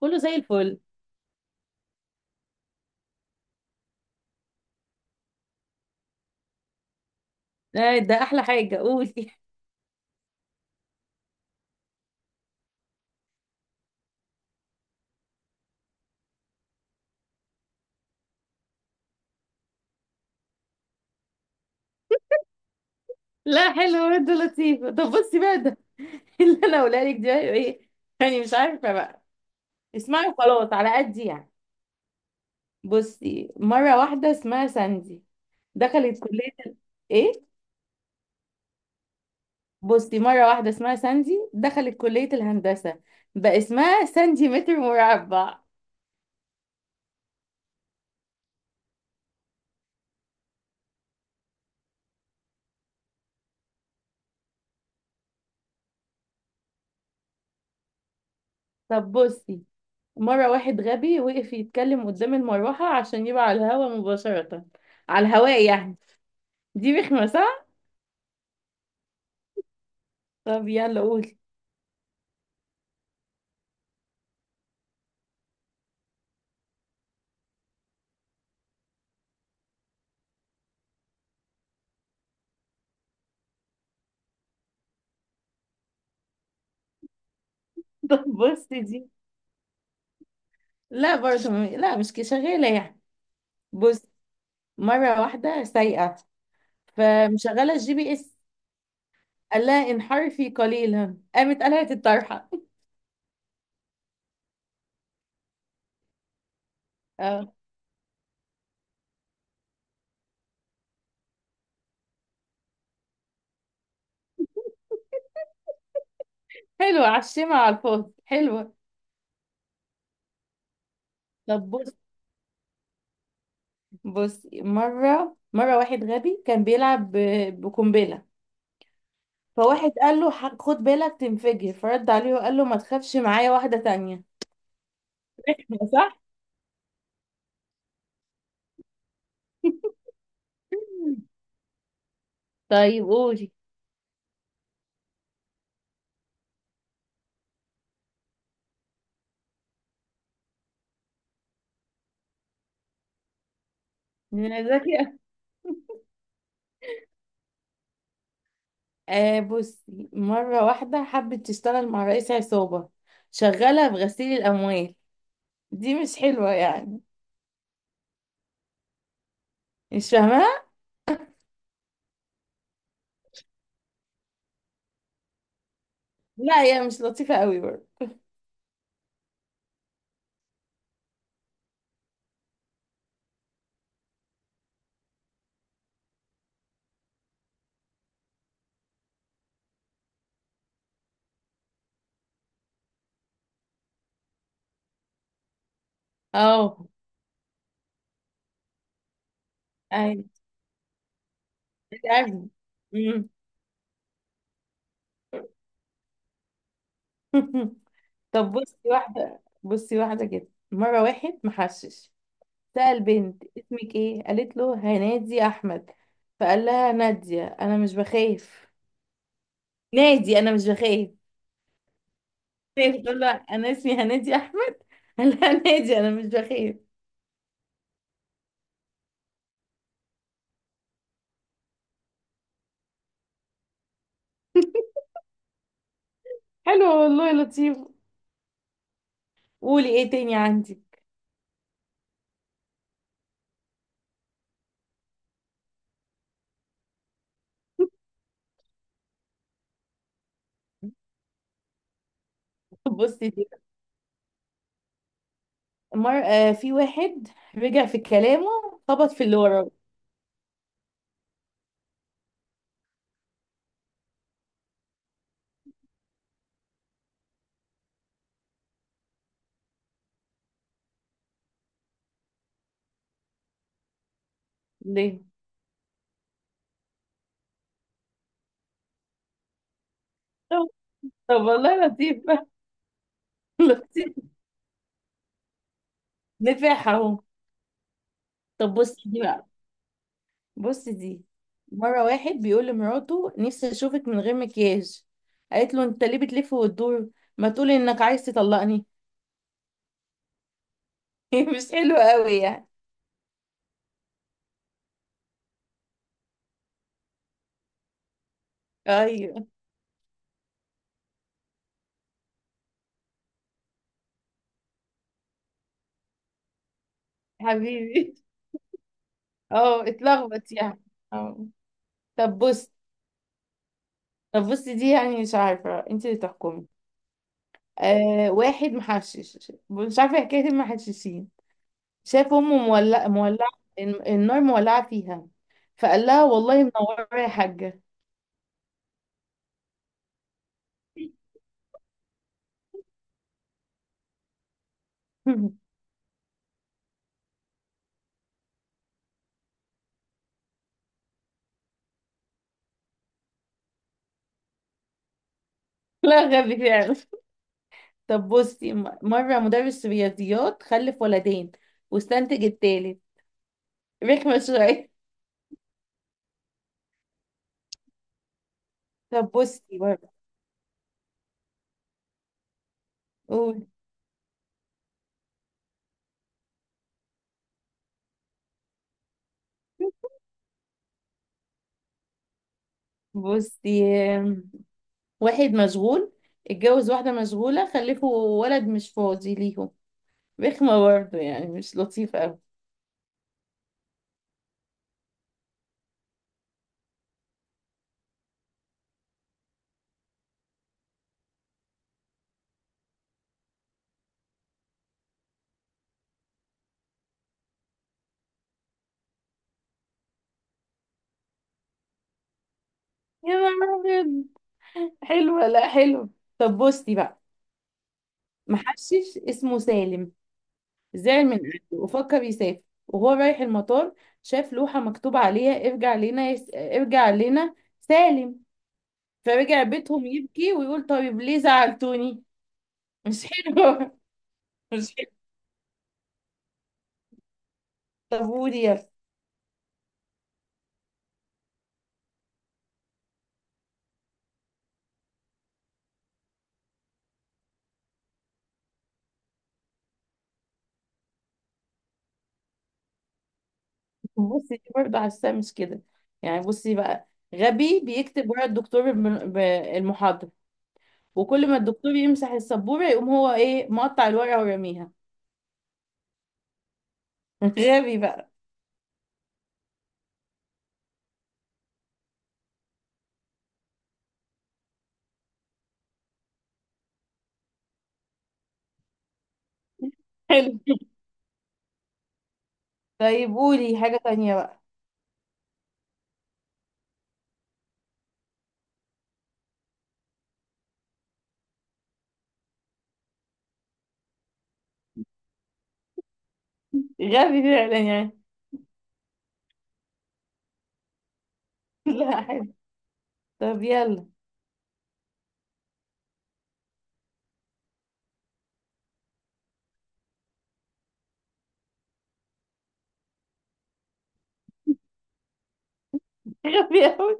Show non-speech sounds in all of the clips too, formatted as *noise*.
كله زي الفل. آه، ده احلى حاجه، قولي. *laughs* لا حلو، انت لطيفه. طب بصي بقى ده. *laughs* اللي انا هقولها لك ده ايه؟ يعني مش عارفه بقى. اسمعي، خلاص على قد يعني. بصي، مره واحده اسمها ساندي دخلت كليه ايه. بصي، مره واحده اسمها ساندي دخلت كليه الهندسه، بقى اسمها ساندي متر مربع. طب بصي، مره واحد غبي وقف يتكلم قدام المروحه عشان يبقى على الهوا مباشره، على الهواء يعني. دي رخمه صح؟ طب يلا قولي. *laughs* طب بصي دي. لا برضه م- لا مش كده، شغاله يعني. بص، مره واحده سايقه فمشغله الجي بي اس، قال لها انحرفي قليلا، قامت قلعت الطرحه. *laughs* اه، حلوه على الشمع على الفاضي، حلوه. طب بص، بص مره واحد غبي كان بيلعب بقنبله، فواحد قال له خد بالك تنفجر"، فرد عليه وقال له ما تخافش، معايا واحده تانية. *laughs* صح. طيب قولي. ذكي. آه بصي، مرة واحدة حبت تشتغل مع رئيس عصابة، شغالة في غسيل الأموال. دي مش حلوة يعني؟ مش فاهمة؟ لا هي مش لطيفة قوي برضه. اه. ايوه. تعبني. مم. *laughs* طب بصي واحدة، بصي واحدة كده، مرة واحد محشش سأل بنت: اسمك ايه؟ قالت له هنادي أحمد، فقال لها: نادية أنا مش بخاف، نادي أنا مش بخاف. *laughs* تقول له أنا اسمي هنادي أحمد، قال لها نادي أنا مش بخاف. حلو والله، لطيف. قولي ايه تاني عندي. *laughs* بصي دي، مر... آه في واحد رجع في كلامه، خبط في اللي وراه. ليه؟ طب، طب والله لطيف. *laughs* لطيف، نفاح اهو. طب بصي دي بقى، بصي دي، مرة واحد بيقول لمراته: نفسي اشوفك من غير مكياج، قالت له: انت ليه بتلف وتدور، ما تقولي انك عايز تطلقني. *laughs* مش حلو قوي يعني. ايوه. حبيبي. اه اتلخبط يعني. اه. طب بص، طب بصي دي يعني، مش عارفة، انت اللي تحكمي. آه واحد محشش، مش عارفة حكاية المحششين، شاف أمه مولعة مولعة، النار مولعة فيها، فقال لها: والله منورة يا حاجة. *laughs* لا غبي فعلا. طب بصي مرة مدرس رياضيات خلف ولدين، واستنتج التالت. رخمة شوية. طب بصي برضه. قول. بصي، آم، واحد مشغول اتجوز واحدة مشغولة، خلفوا ولد مش فاضي ليهم. رخمة برضه يعني، مش لطيفة أوي. يا نهار أبيض، حلوة، لا حلو. طب بصي بقى، محشش اسمه سالم زعل من أهله وفكر يسافر، وهو رايح المطار شاف لوحة مكتوب عليها: ارجع لنا ارجع لنا سالم، فرجع بيتهم يبكي ويقول: طيب ليه زعلتوني؟ مش حلوة، *laughs* مش حلوة. طب قولي يلا. بصي دي برضه، حاساه مش كده يعني. بصي بقى، غبي بيكتب ورا الدكتور المحاضرة، وكل ما الدكتور يمسح السبورة يقوم هو ايه، مقطع الورقة ورميها. *laughs* غبي بقى. حلو. طيب قولي حاجة تانية بقى. غبي فعلا يعني. *laughs* لا حلو، طب يلا. *laughs* غبي أوي،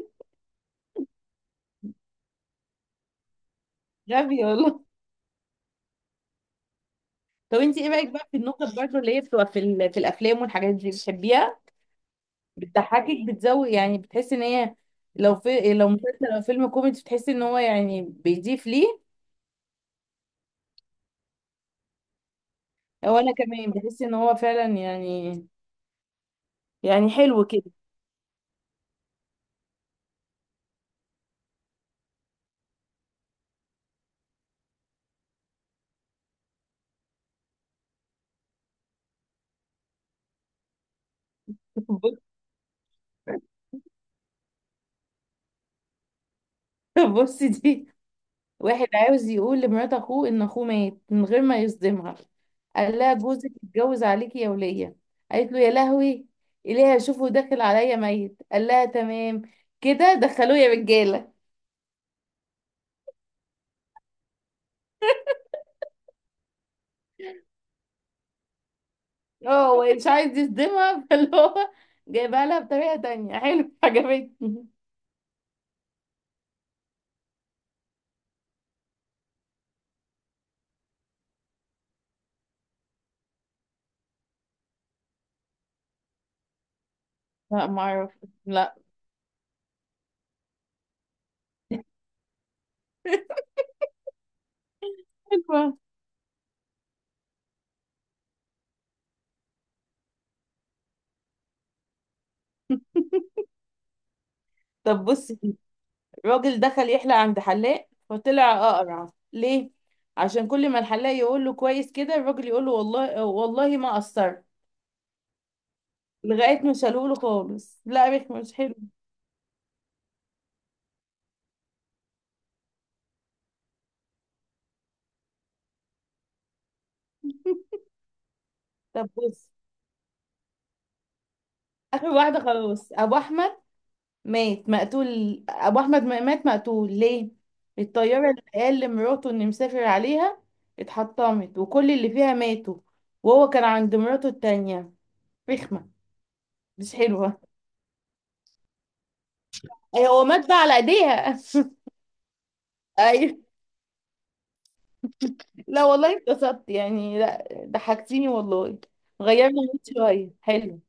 غبي والله. طب انت ايه رأيك بقى في النكت برضه اللي هي بتبقى في الافلام والحاجات دي، بتحبيها؟ بتضحكك، بتزود يعني، بتحسي ان هي، لو في، لو مسلسل او فيلم كوميدي، بتحسي ان هو يعني بيضيف ليه؟ او انا كمان بحس ان هو فعلا يعني، يعني حلو كده. *laughs* بص- بصي دي، واحد عاوز يقول لمرات اخوه ان اخوه مات من غير ما يصدمها، قال لها: جوزك اتجوز عليكي يا ولية، قالت له: يا لهوي، إليها شوفه داخل عليا ميت، قال لها: تمام كده، دخلوه يا رجالة. اه هو مش عايز يصدمها، *laughs* فاللي هو جايبها لها بطريقة تانية. حلو، عجبتني. لا معرف، لا. *laughs* حلوة. طب بصي، راجل دخل يحلق عند حلاق فطلع اقرع. ليه؟ عشان كل ما الحلاق يقول له كويس كده، الراجل يقول له: والله والله ما قصرت، لغايه ما شالوه له خالص. لا رخم، مش حلو. طب بص، اخر واحده خلاص. ابو احمد مات مقتول، ابو احمد مات مقتول. ليه؟ الطياره اللي قال لمراته ان مسافر عليها اتحطمت، وكل اللي فيها ماتوا، وهو كان عند مراته التانية. رخمه، مش حلوه. أي هو مات بقى على ايديها. *laughs* ايوه. لا والله اتبسطت يعني، لا ضحكتيني والله. غيرنا المود شوية، حلو.